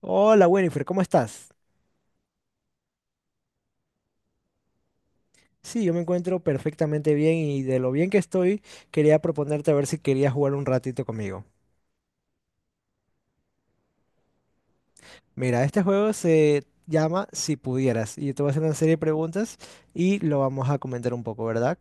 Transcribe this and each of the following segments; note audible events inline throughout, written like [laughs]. Hola Winifred, ¿cómo estás? Sí, yo me encuentro perfectamente bien y de lo bien que estoy, quería proponerte a ver si querías jugar un ratito conmigo. Mira, este juego se llama Si pudieras y yo te voy a hacer una serie de preguntas y lo vamos a comentar un poco, ¿verdad?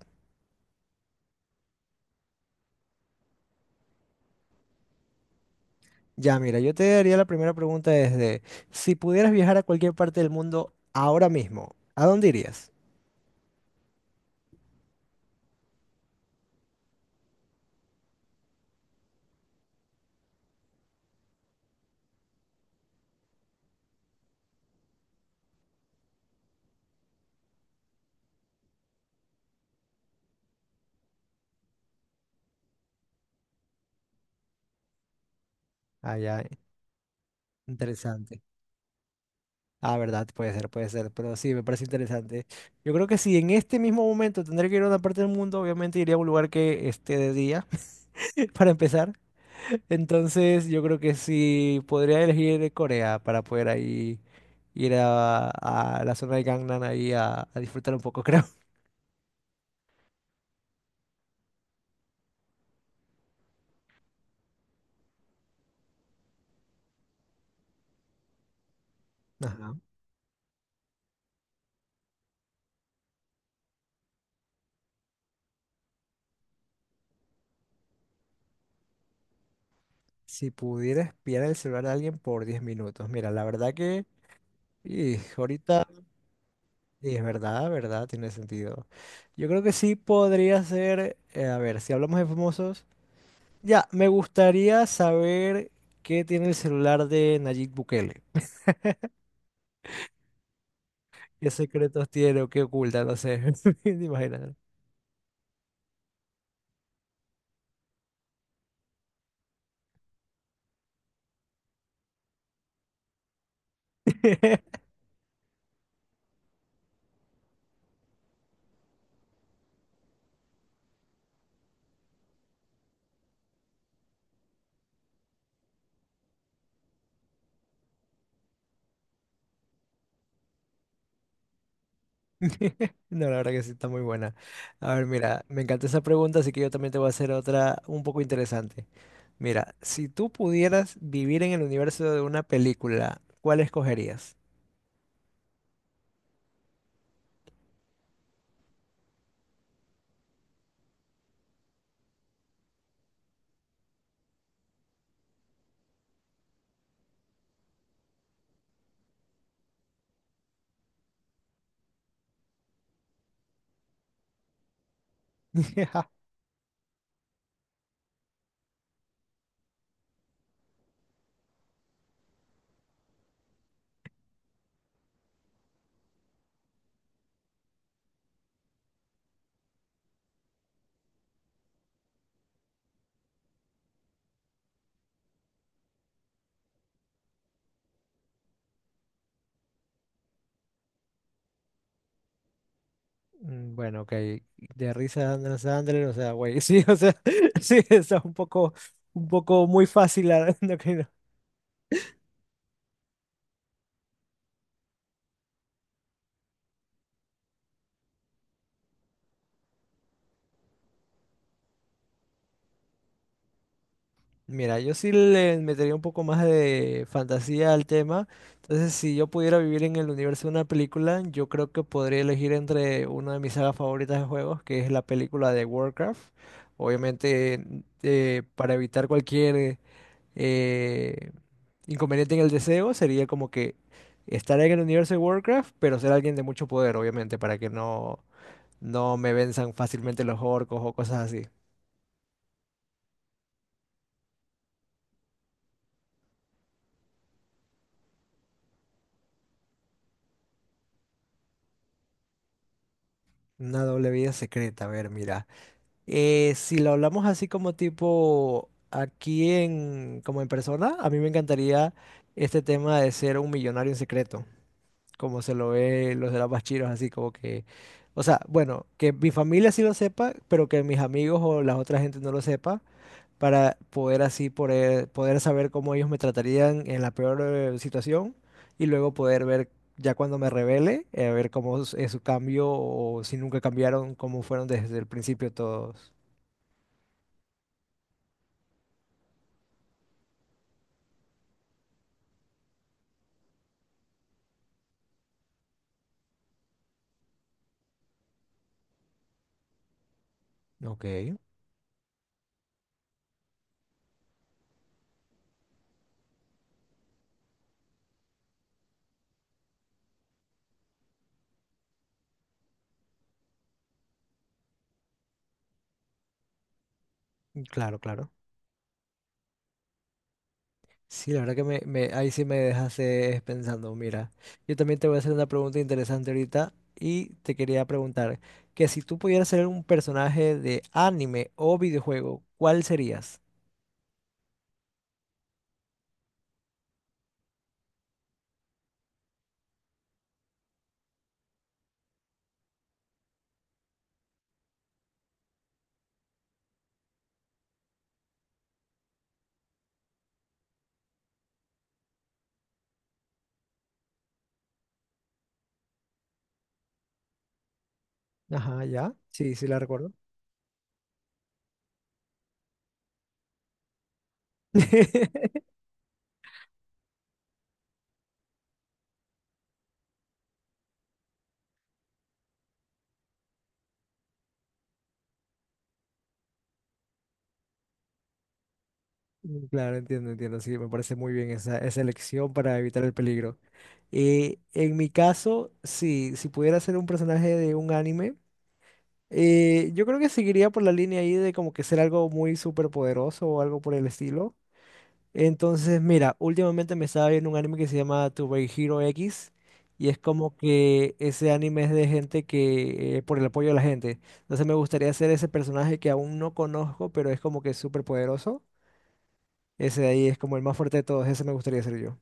Ya, mira, yo te haría la primera pregunta desde, si pudieras viajar a cualquier parte del mundo ahora mismo, ¿a dónde irías? Ah, ya, interesante. Ah, verdad, puede ser, pero sí, me parece interesante. Yo creo que si en este mismo momento tendré que ir a una parte del mundo, obviamente iría a un lugar que esté de día, [laughs] para empezar. Entonces, yo creo que sí podría elegir Corea para poder ahí ir a la zona de Gangnam ahí a disfrutar un poco, [laughs] creo. Ajá. Si pudiera espiar el celular de alguien por 10 minutos. Mira, la verdad que y ahorita y es verdad, verdad, tiene sentido. Yo creo que sí podría ser, a ver, si hablamos de famosos. Ya, me gustaría saber qué tiene el celular de Nayib Bukele. ¿Qué secretos tiene o qué oculta? No sé. [laughs] Imagínate. [laughs] No, la verdad que sí, está muy buena. A ver, mira, me encanta esa pregunta, así que yo también te voy a hacer otra un poco interesante. Mira, si tú pudieras vivir en el universo de una película, ¿cuál escogerías? [laughs] Mm, bueno, ok. De risa Andrés Sandler, o sea, güey, [laughs] sí, o sea, [laughs] sí, está un poco muy fácil, [laughs] no, que no. Mira, yo sí le metería un poco más de fantasía al tema. Entonces, si yo pudiera vivir en el universo de una película, yo creo que podría elegir entre una de mis sagas favoritas de juegos, que es la película de Warcraft. Obviamente, para evitar cualquier eh, inconveniente en el deseo, sería como que estar en el universo de Warcraft, pero ser alguien de mucho poder, obviamente, para que no, no me venzan fácilmente los orcos o cosas así. Una doble vida secreta, a ver, mira. Si lo hablamos así como tipo aquí en, como en persona, a mí me encantaría este tema de ser un millonario en secreto, como se lo ve los de las Bachiros, así como que, o sea, bueno, que mi familia sí lo sepa, pero que mis amigos o la otra gente no lo sepa, para poder así poder saber cómo ellos me tratarían en la peor situación y luego poder ver ya cuando me revele, ver cómo es su cambio o si nunca cambiaron, cómo fueron desde el principio todos. Ok, claro, claro. Sí, la verdad que ahí sí me dejas dejaste pensando. Mira, yo también te voy a hacer una pregunta interesante ahorita y te quería preguntar que si tú pudieras ser un personaje de anime o videojuego, ¿cuál serías? Ajá, ya. Sí, sí la recuerdo. [laughs] Mm, claro, entiendo, entiendo. Sí, me parece muy bien esa, esa elección para evitar el peligro. En mi caso, sí, si pudiera ser un personaje de un anime. Yo creo que seguiría por la línea ahí de como que ser algo muy superpoderoso o algo por el estilo. Entonces, mira, últimamente me estaba viendo un anime que se llama To Be Hero X y es como que ese anime es de gente que, por el apoyo de la gente. Entonces me gustaría ser ese personaje que aún no conozco, pero es como que superpoderoso. Ese de ahí es como el más fuerte de todos, ese me gustaría ser yo.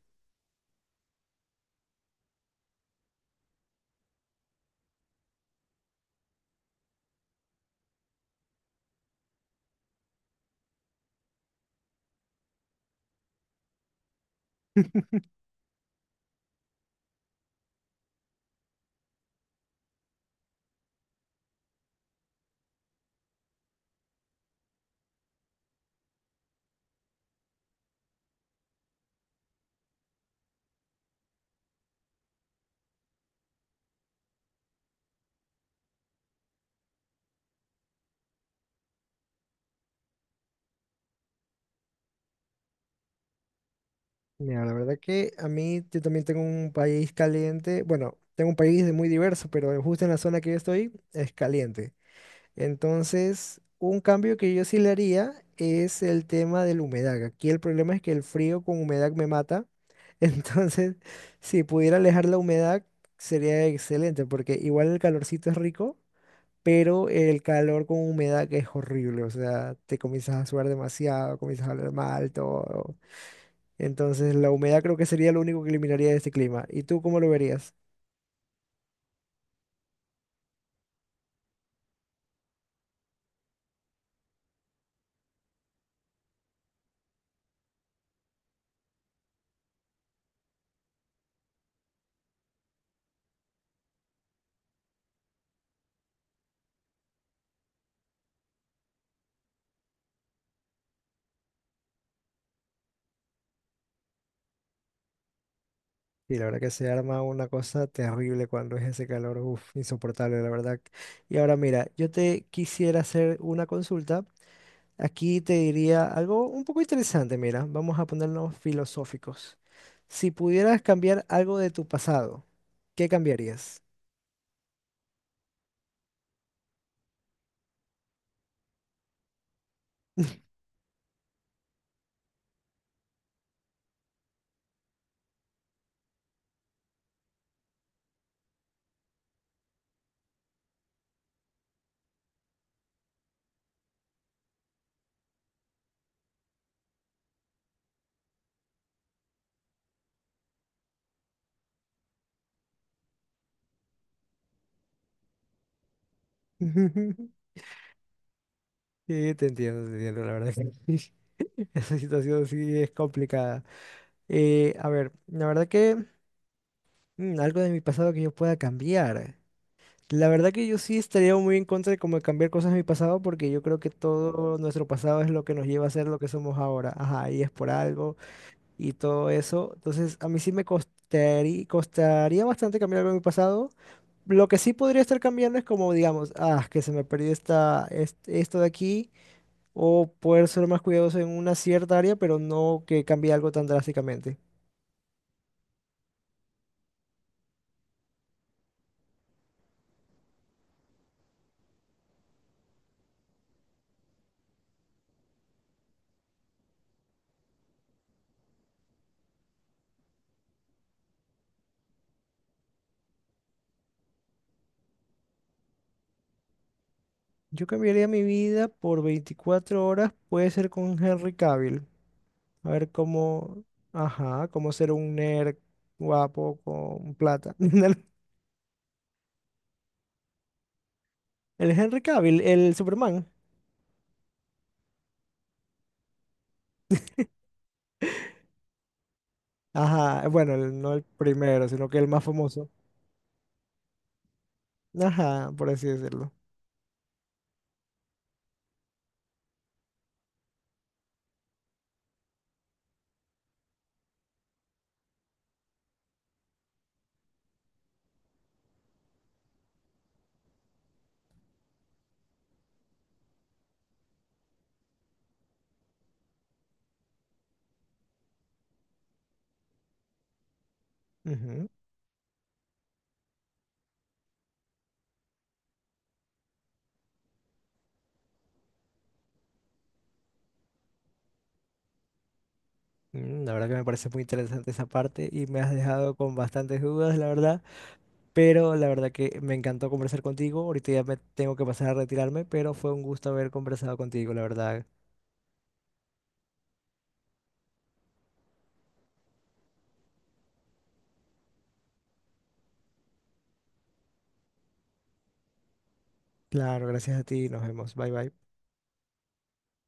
Mira, la verdad que a mí yo también tengo un país caliente. Bueno, tengo un país de muy diverso, pero justo en la zona que yo estoy es caliente. Entonces, un cambio que yo sí le haría es el tema de la humedad. Aquí el problema es que el frío con humedad me mata. [laughs] Entonces, si pudiera alejar la humedad, sería excelente, porque igual el calorcito es rico, pero el calor con humedad es horrible. O sea, te comienzas a sudar demasiado, comienzas a hablar mal, todo. Entonces, la humedad creo que sería lo único que eliminaría de este clima. ¿Y tú cómo lo verías? Y la verdad que se arma una cosa terrible cuando es ese calor, uf, insoportable, la verdad. Y ahora mira, yo te quisiera hacer una consulta. Aquí te diría algo un poco interesante, mira, vamos a ponernos filosóficos. Si pudieras cambiar algo de tu pasado, ¿qué cambiarías? [laughs] Sí, te entiendo, la verdad que sí. [laughs] Esa situación sí es complicada. A ver, la verdad que algo de mi pasado que yo pueda cambiar. La verdad que yo sí estaría muy en contra de como de cambiar cosas de mi pasado porque yo creo que todo nuestro pasado es lo que nos lleva a ser lo que somos ahora. Ajá, y es por algo y todo eso. Entonces, a mí sí me costaría bastante cambiar algo de mi pasado. Lo que sí podría estar cambiando es como, digamos, ah, que se me perdió esto de aquí o poder ser más cuidadoso en una cierta área, pero no que cambie algo tan drásticamente. Yo cambiaría mi vida por 24 horas, puede ser con Henry Cavill. A ver cómo, ajá, cómo ser un nerd guapo con plata. [laughs] Henry Cavill, el Superman. Ajá, bueno, no el primero, sino que el más famoso. Ajá, por así decirlo. Ujú. Mm, la verdad que me parece muy interesante esa parte y me has dejado con bastantes dudas, la verdad. Pero la verdad que me encantó conversar contigo. Ahorita ya me tengo que pasar a retirarme, pero fue un gusto haber conversado contigo, la verdad. Claro, gracias a ti. Nos vemos. Bye bye.